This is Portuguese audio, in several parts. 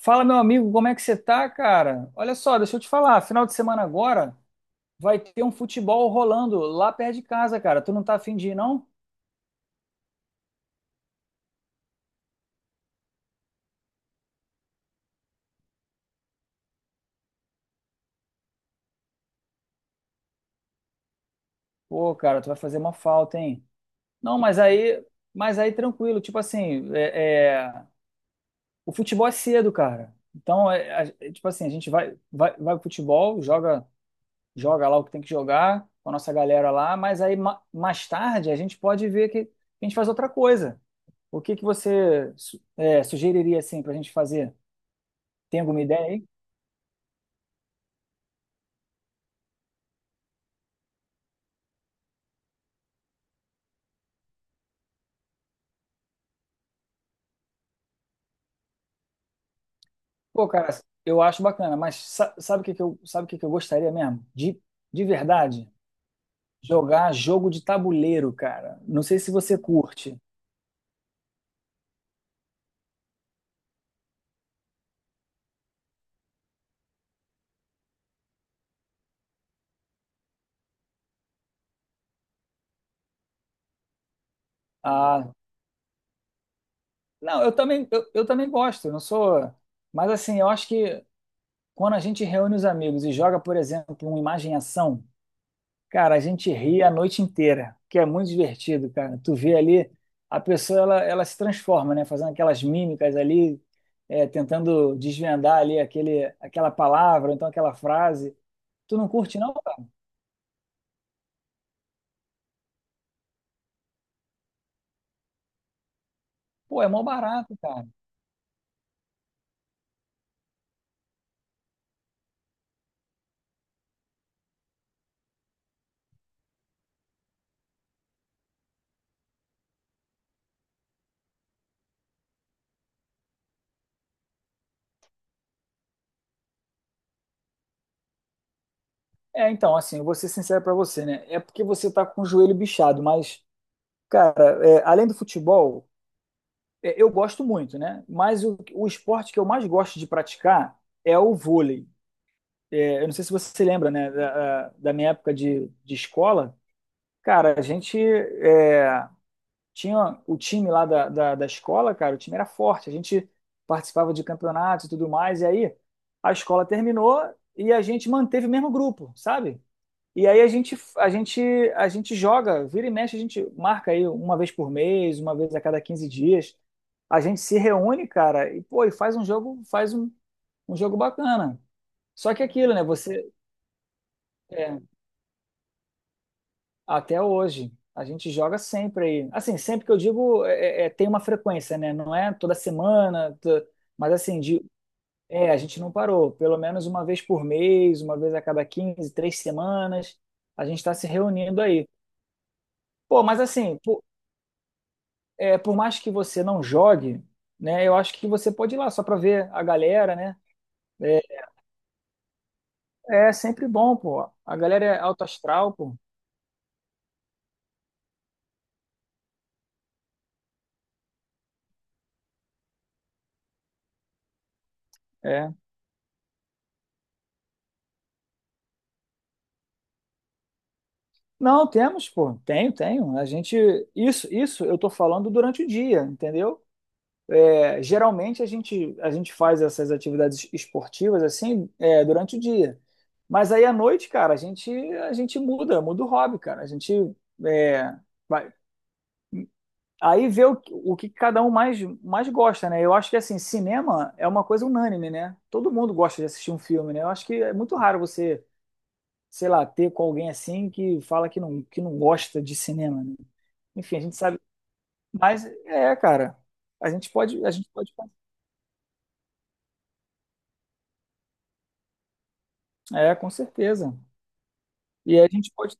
Fala, meu amigo, como é que você tá, cara? Olha só, deixa eu te falar, final de semana agora vai ter um futebol rolando lá perto de casa, cara. Tu não tá afim de ir, não? Pô, cara, tu vai fazer uma falta, hein? Não, mas aí tranquilo, tipo assim, o futebol é cedo, cara. Então, tipo assim, a gente vai pro futebol, joga, joga lá o que tem que jogar com a nossa galera lá, mas aí mais tarde a gente pode ver que a gente faz outra coisa. O que que você sugeriria assim pra gente fazer? Tem alguma ideia aí? Pô, cara, eu acho bacana, mas sabe o que que eu, sabe o que que eu gostaria mesmo? De verdade, jogar jogo de tabuleiro, cara. Não sei se você curte. Ah, não, eu também, eu também gosto, não sou. Mas assim, eu acho que quando a gente reúne os amigos e joga, por exemplo, um imagem e ação, cara, a gente ri a noite inteira, que é muito divertido, cara. Tu vê ali, a pessoa ela se transforma, né? Fazendo aquelas mímicas ali, tentando desvendar ali aquele, aquela palavra, ou então aquela frase. Tu não curte, não, cara? Pô, é mó barato, cara. É, então, assim, eu vou ser sincero pra você, né? É porque você tá com o joelho bichado, mas, cara, além do futebol, eu gosto muito, né? Mas o esporte que eu mais gosto de praticar é o vôlei. Eu não sei se você se lembra, né, da, da minha época de escola, cara, a gente tinha o time lá da escola, cara, o time era forte, a gente participava de campeonatos e tudo mais, e aí a escola terminou e a gente manteve o mesmo grupo, sabe? E aí a gente joga, vira e mexe, a gente marca aí uma vez por mês, uma vez a cada 15 dias. A gente se reúne, cara, e pô, e faz um jogo, um jogo bacana. Só que é aquilo, né? Você, é, Até hoje. A gente joga sempre aí. Assim, sempre que eu digo, tem uma frequência, né? Não é toda semana, mas assim, a gente não parou. Pelo menos uma vez por mês, uma vez a cada 15, 3 semanas, a gente está se reunindo aí. Pô, mas assim, por mais que você não jogue, né? Eu acho que você pode ir lá só para ver a galera, né? É, é sempre bom, pô. A galera é alto astral, pô. É. Não, temos, pô. Tenho, tenho. A gente isso eu tô falando durante o dia, entendeu? Geralmente a gente faz essas atividades esportivas assim, durante o dia. Mas aí à noite, cara, a gente muda o hobby, cara. A gente é, vai- aí vê o que cada um mais gosta, né? Eu acho que assim, cinema é uma coisa unânime, né? Todo mundo gosta de assistir um filme, né? Eu acho que é muito raro você sei lá, ter com alguém assim que fala que não gosta de cinema, né? Enfim, a gente sabe. Mas é, cara, a gente pode, com certeza. E a gente pode,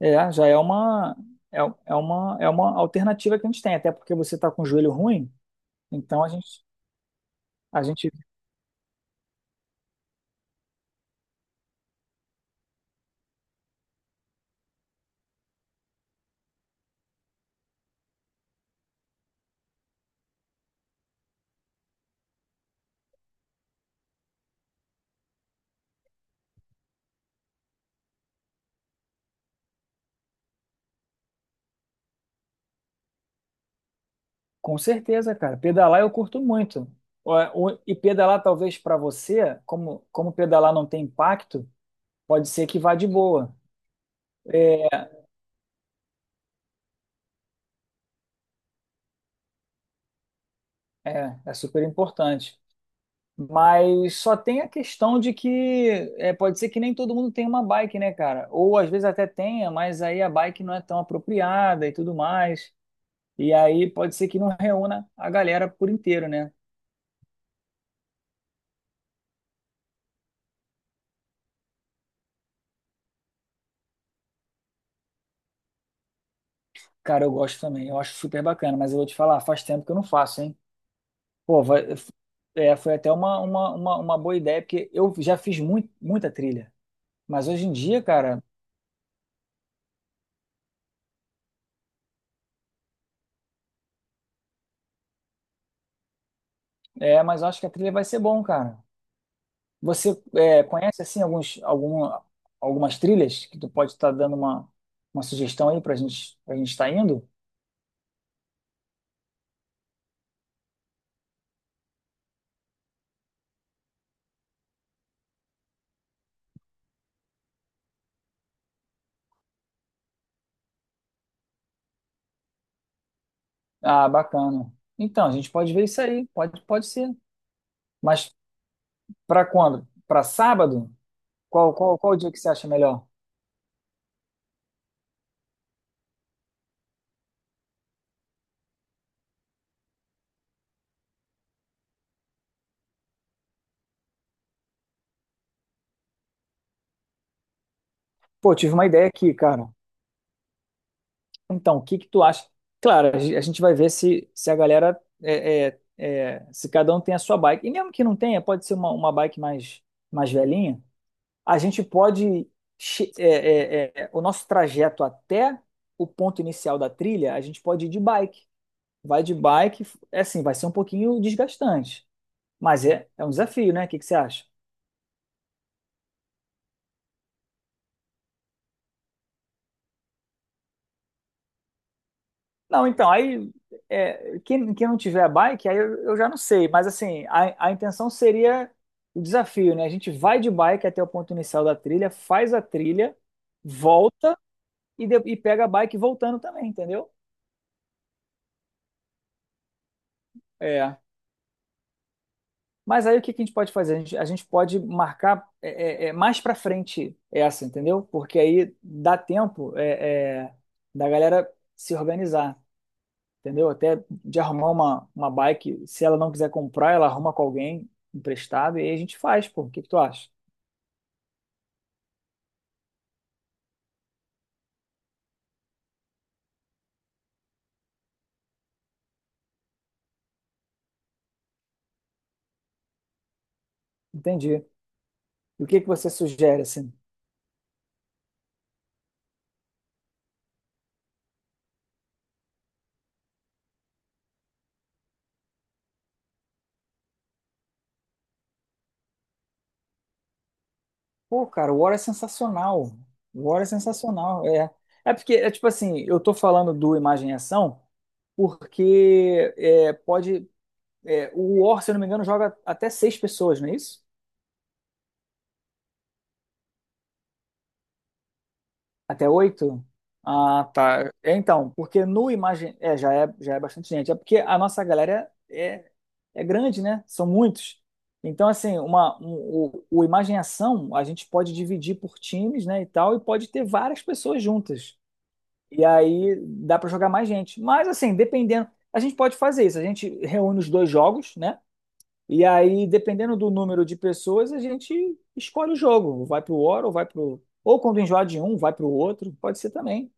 é, já é, é uma alternativa que a gente tem, até porque você tá com o joelho ruim, então a gente, com certeza, cara, pedalar eu curto muito. Ó, e pedalar talvez para você, como pedalar não tem impacto, pode ser que vá de boa. É super importante. Mas só tem a questão de que pode ser que nem todo mundo tenha uma bike, né, cara? Ou às vezes até tenha, mas aí a bike não é tão apropriada e tudo mais. E aí pode ser que não reúna a galera por inteiro, né? Cara, eu gosto também, eu acho super bacana, mas eu vou te falar, faz tempo que eu não faço, hein? Pô, foi até uma boa ideia, porque eu já fiz muito, muita trilha. Mas hoje em dia, cara, mas eu acho que a trilha vai ser bom, cara. Você conhece assim algumas trilhas que tu pode estar dando uma sugestão aí para gente estar indo? Ah, bacana. Então, a gente pode ver isso aí, pode ser. Mas para quando? Para sábado? Qual o dia que você acha melhor? Pô, tive uma ideia aqui, cara. Então, o que que tu acha? Claro, a a gente vai ver se a galera se cada um tem a sua bike. E mesmo que não tenha, pode ser uma bike mais velhinha. A gente pode. O nosso trajeto até o ponto inicial da trilha, a gente pode ir de bike. Vai de bike, é assim, vai ser um pouquinho desgastante, mas é um desafio, né? O que que você acha? Não, então, aí quem não tiver bike, aí eu já não sei, mas assim, a intenção seria o desafio, né? A gente vai de bike até o ponto inicial da trilha, faz a trilha, volta e pega a bike voltando também, entendeu? É. Mas aí o que que a gente pode fazer? A gente pode marcar mais para frente essa, entendeu? Porque aí dá tempo da galera se organizar, entendeu? Até de arrumar uma bike. Se ela não quiser comprar, ela arruma com alguém emprestado e aí a gente faz, pô. O que que tu acha? Entendi. E o que que você sugere, assim? Pô, cara, o War é sensacional. O War é sensacional, é. É porque, é tipo assim, eu tô falando do Imagem e Ação porque é, pode É, o War, se eu não me engano, joga até 6 pessoas, não é isso? Até 8? Ah, tá. É, então, porque no Imagem. É, já é bastante gente. É porque a nossa galera é grande, né? São muitos. Então, assim, o Imagem Ação a gente pode dividir por times, né? E tal, e pode ter várias pessoas juntas. E aí dá pra jogar mais gente. Mas, assim, dependendo. A gente pode fazer isso. A gente reúne os dois jogos, né? E aí, dependendo do número de pessoas, a gente escolhe o jogo. Vai pro War ou vai pro. Ou quando enjoar de um, vai pro outro. Pode ser também.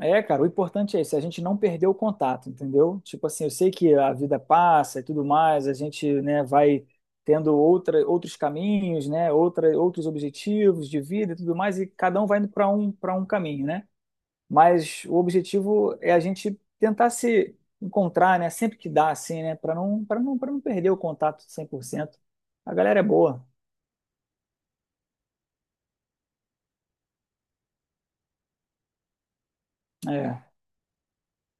É, cara, o importante é isso, a gente não perder o contato, entendeu? Tipo assim, eu sei que a vida passa e tudo mais, a gente, né, vai tendo outra, outros caminhos, né, outra, outros objetivos de vida e tudo mais, e cada um vai indo para um caminho, né? Mas o objetivo é a gente tentar se encontrar, né? Sempre que dá, assim, né? Para não perder o contato 100%. A galera é boa. É.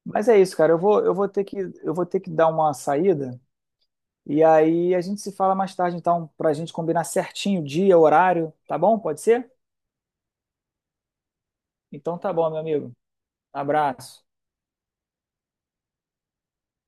Mas é isso, cara. Eu vou ter que dar uma saída. E aí a gente se fala mais tarde, então, para a gente combinar certinho o dia, horário, tá bom? Pode ser? Então tá bom, meu amigo. Abraço.